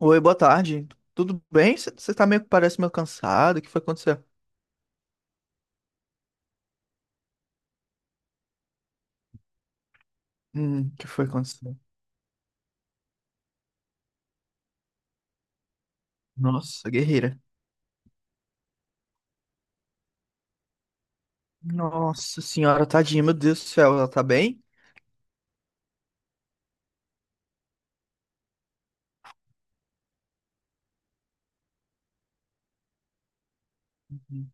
Oi, boa tarde. Tudo bem? Você tá meio que parece meio cansado. O que foi acontecer? O que foi acontecer? Nossa, guerreira. Nossa senhora, tadinha, meu Deus do céu, ela tá bem? Uhum.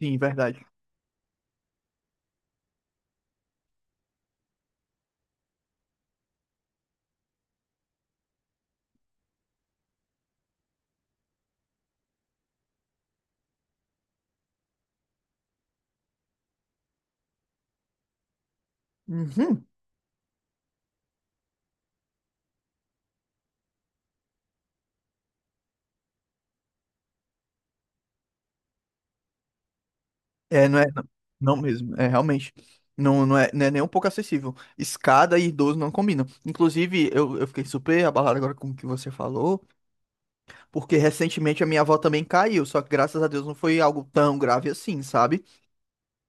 Sim, verdade. Uhum. É. Não, não mesmo, é realmente. Não, não é, não é nem um pouco acessível. Escada e idoso não combinam. Inclusive, eu fiquei super abalado agora com o que você falou, porque recentemente a minha avó também caiu, só que graças a Deus não foi algo tão grave assim, sabe?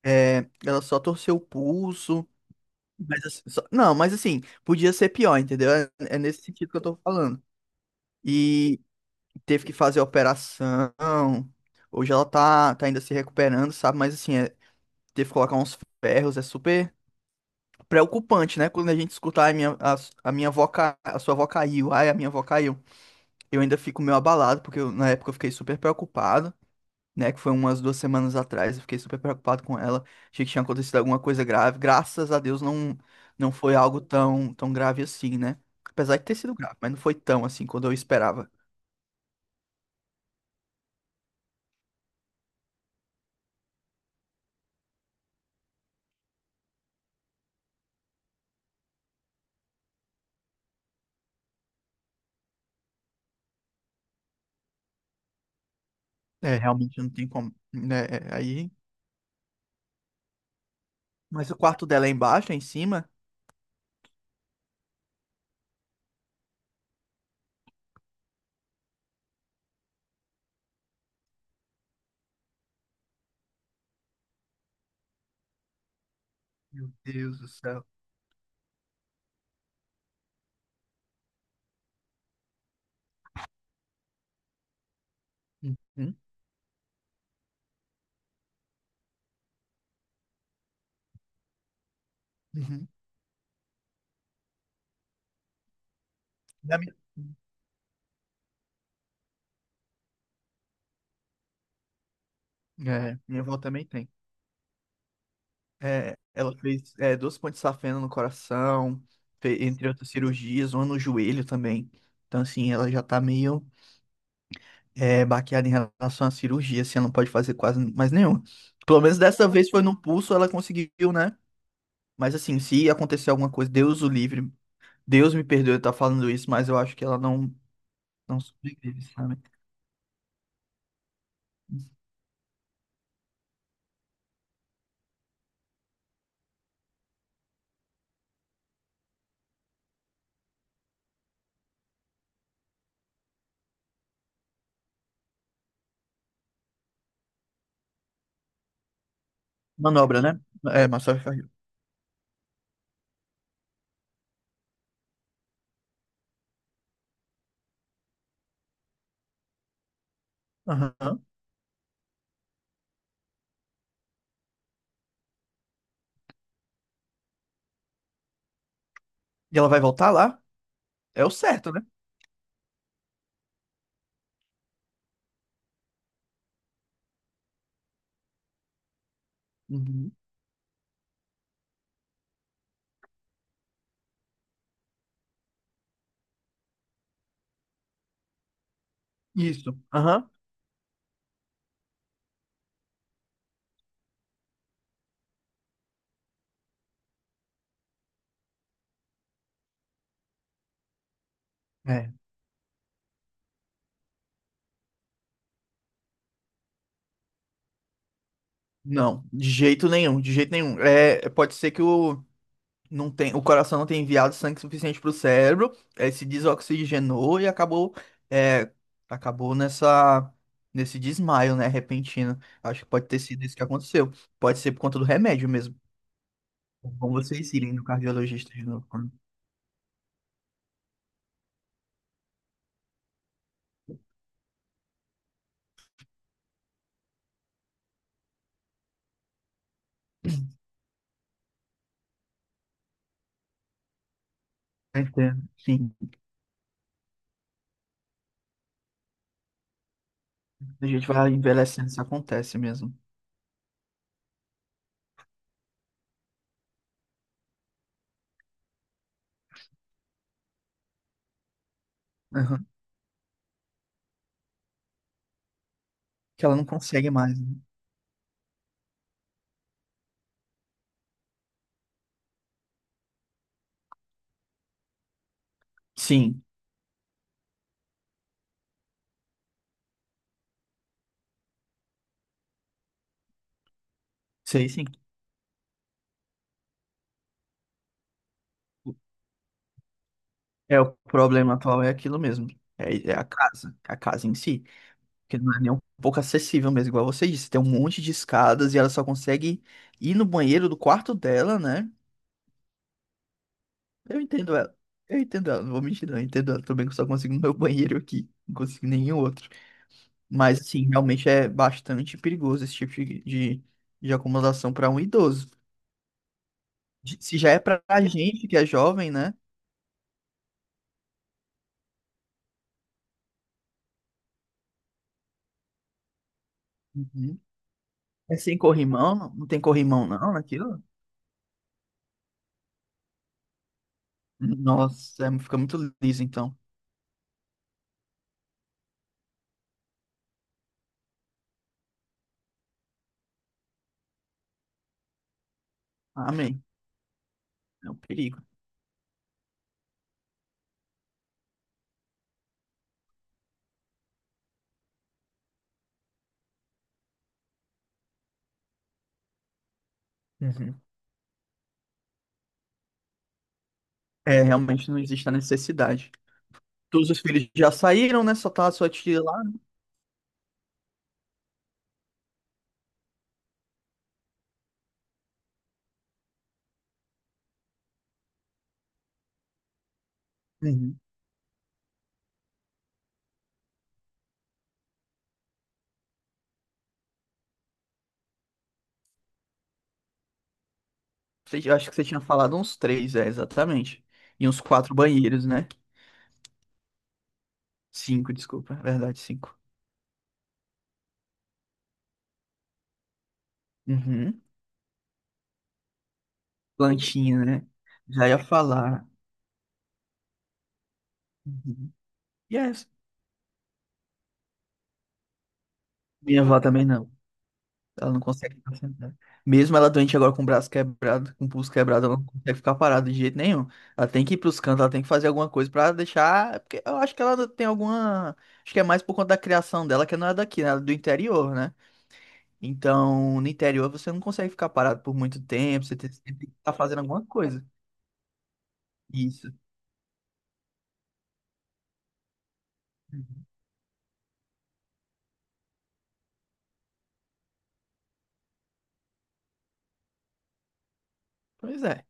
É, ela só torceu o pulso. Não, mas assim, podia ser pior, entendeu? É, nesse sentido que eu tô falando. E teve que fazer a operação. Hoje ela tá ainda se recuperando, sabe? Mas assim, teve que colocar uns ferros, é super preocupante, né? Quando a gente escutar a minha avó, ca- a sua avó caiu, ai, a minha avó caiu. Eu ainda fico meio abalado, porque na época eu fiquei super preocupado, né? Que foi umas 2 semanas atrás. Eu fiquei super preocupado com ela. Achei que tinha acontecido alguma coisa grave. Graças a Deus não, não foi algo tão, tão grave assim, né? Apesar de ter sido grave, mas não foi tão assim quando eu esperava. É, realmente não tem como, né? É, aí. Mas o quarto dela é embaixo, é em cima? Meu Deus do céu. Uhum, uhum. Da minha- É, minha avó também tem. É, ela fez duas pontes safena no coração, entre outras cirurgias, uma no joelho também. Então, assim, ela já tá meio baqueada em relação à cirurgia, assim, ela não pode fazer quase mais nenhuma. Pelo menos dessa vez foi no pulso, ela conseguiu, né? Mas assim, se acontecer alguma coisa, Deus o livre, Deus me perdoe eu estar falando isso, mas eu acho que ela não, não sobrevive, sabe? Manobra, né? É, massagem cardíaca. Aham. E ela vai voltar lá? É o certo, né? Uhum. Isso. Aham. É. Não, de jeito nenhum, de jeito nenhum. É, pode ser que o. Não tem, o coração não tem enviado sangue suficiente para o cérebro, ele se desoxigenou e acabou, é, acabou nesse desmaio, né, repentino. Acho que pode ter sido isso que aconteceu. Pode ser por conta do remédio mesmo. É bom vocês irem no cardiologista de novo. Eu entendo. Sim, a gente vai envelhecendo, isso acontece mesmo. Aham. Que ela não consegue mais, né? Sim, sei sim. É, o problema atual é aquilo mesmo. É, a casa em si. Porque não é nem um pouco acessível mesmo, igual você disse. Tem um monte de escadas e ela só consegue ir no banheiro do quarto dela, né? Eu entendo ela. Eu entendo ela, não vou mentir, não. Eu entendo ela. Também que eu só consigo no meu banheiro aqui. Não consigo em nenhum outro. Mas, assim, realmente é bastante perigoso esse tipo de acomodação para um idoso. Se já é pra gente que é jovem, né? Uhum. É sem corrimão? Não tem corrimão, não, naquilo? Nossa, fica muito liso, então. Amém. É um perigo. Uhum. É, realmente não existe a necessidade. Todos os filhos já saíram, né? Só tá a sua tia lá. Uhum. Eu acho que você tinha falado uns três, é, exatamente. E uns quatro banheiros, né? Cinco, desculpa. É verdade, cinco. Uhum. Plantinha, né? Já ia falar. Uhum. Yes. Minha avó também não. Ela não consegue ficar sentada. Mesmo ela doente agora com o braço quebrado, com o pulso quebrado, ela não consegue ficar parada de jeito nenhum. Ela tem que ir pros cantos, ela tem que fazer alguma coisa pra deixar. Porque eu acho que ela tem alguma. Acho que é mais por conta da criação dela, que não é daqui, né? Ela é do interior, né? Então, no interior você não consegue ficar parado por muito tempo, você tem sempre que estar fazendo alguma coisa. Isso. Pois é.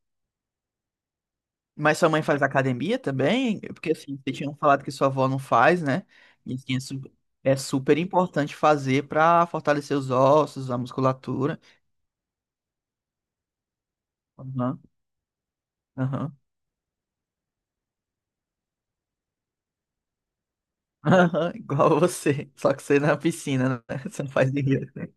Mas sua mãe faz academia também? Porque assim, vocês tinham falado que sua avó não faz, né? E que é é super importante fazer para fortalecer os ossos, a musculatura. Aham, aham. Aham, igual você. Só que você é na piscina, né? Você não faz direito, né?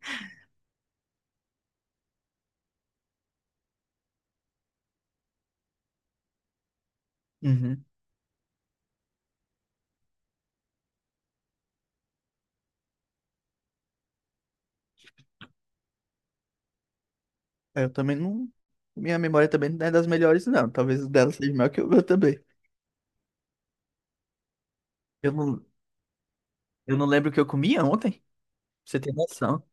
Uhum. Eu também não. Minha memória também não é das melhores, não. Talvez o dela seja melhor que o meu também. Eu não, eu não lembro o que eu comia ontem. Pra você ter noção.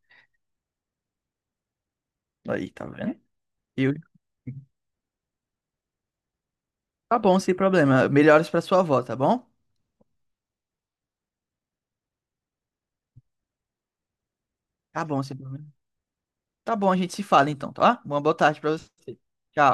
Aí, tá vendo? Eu... Tá bom, sem problema. Melhores pra sua avó, tá bom? Tá bom, sem problema. Tá bom, a gente se fala então, tá? Uma boa tarde pra você. Tchau.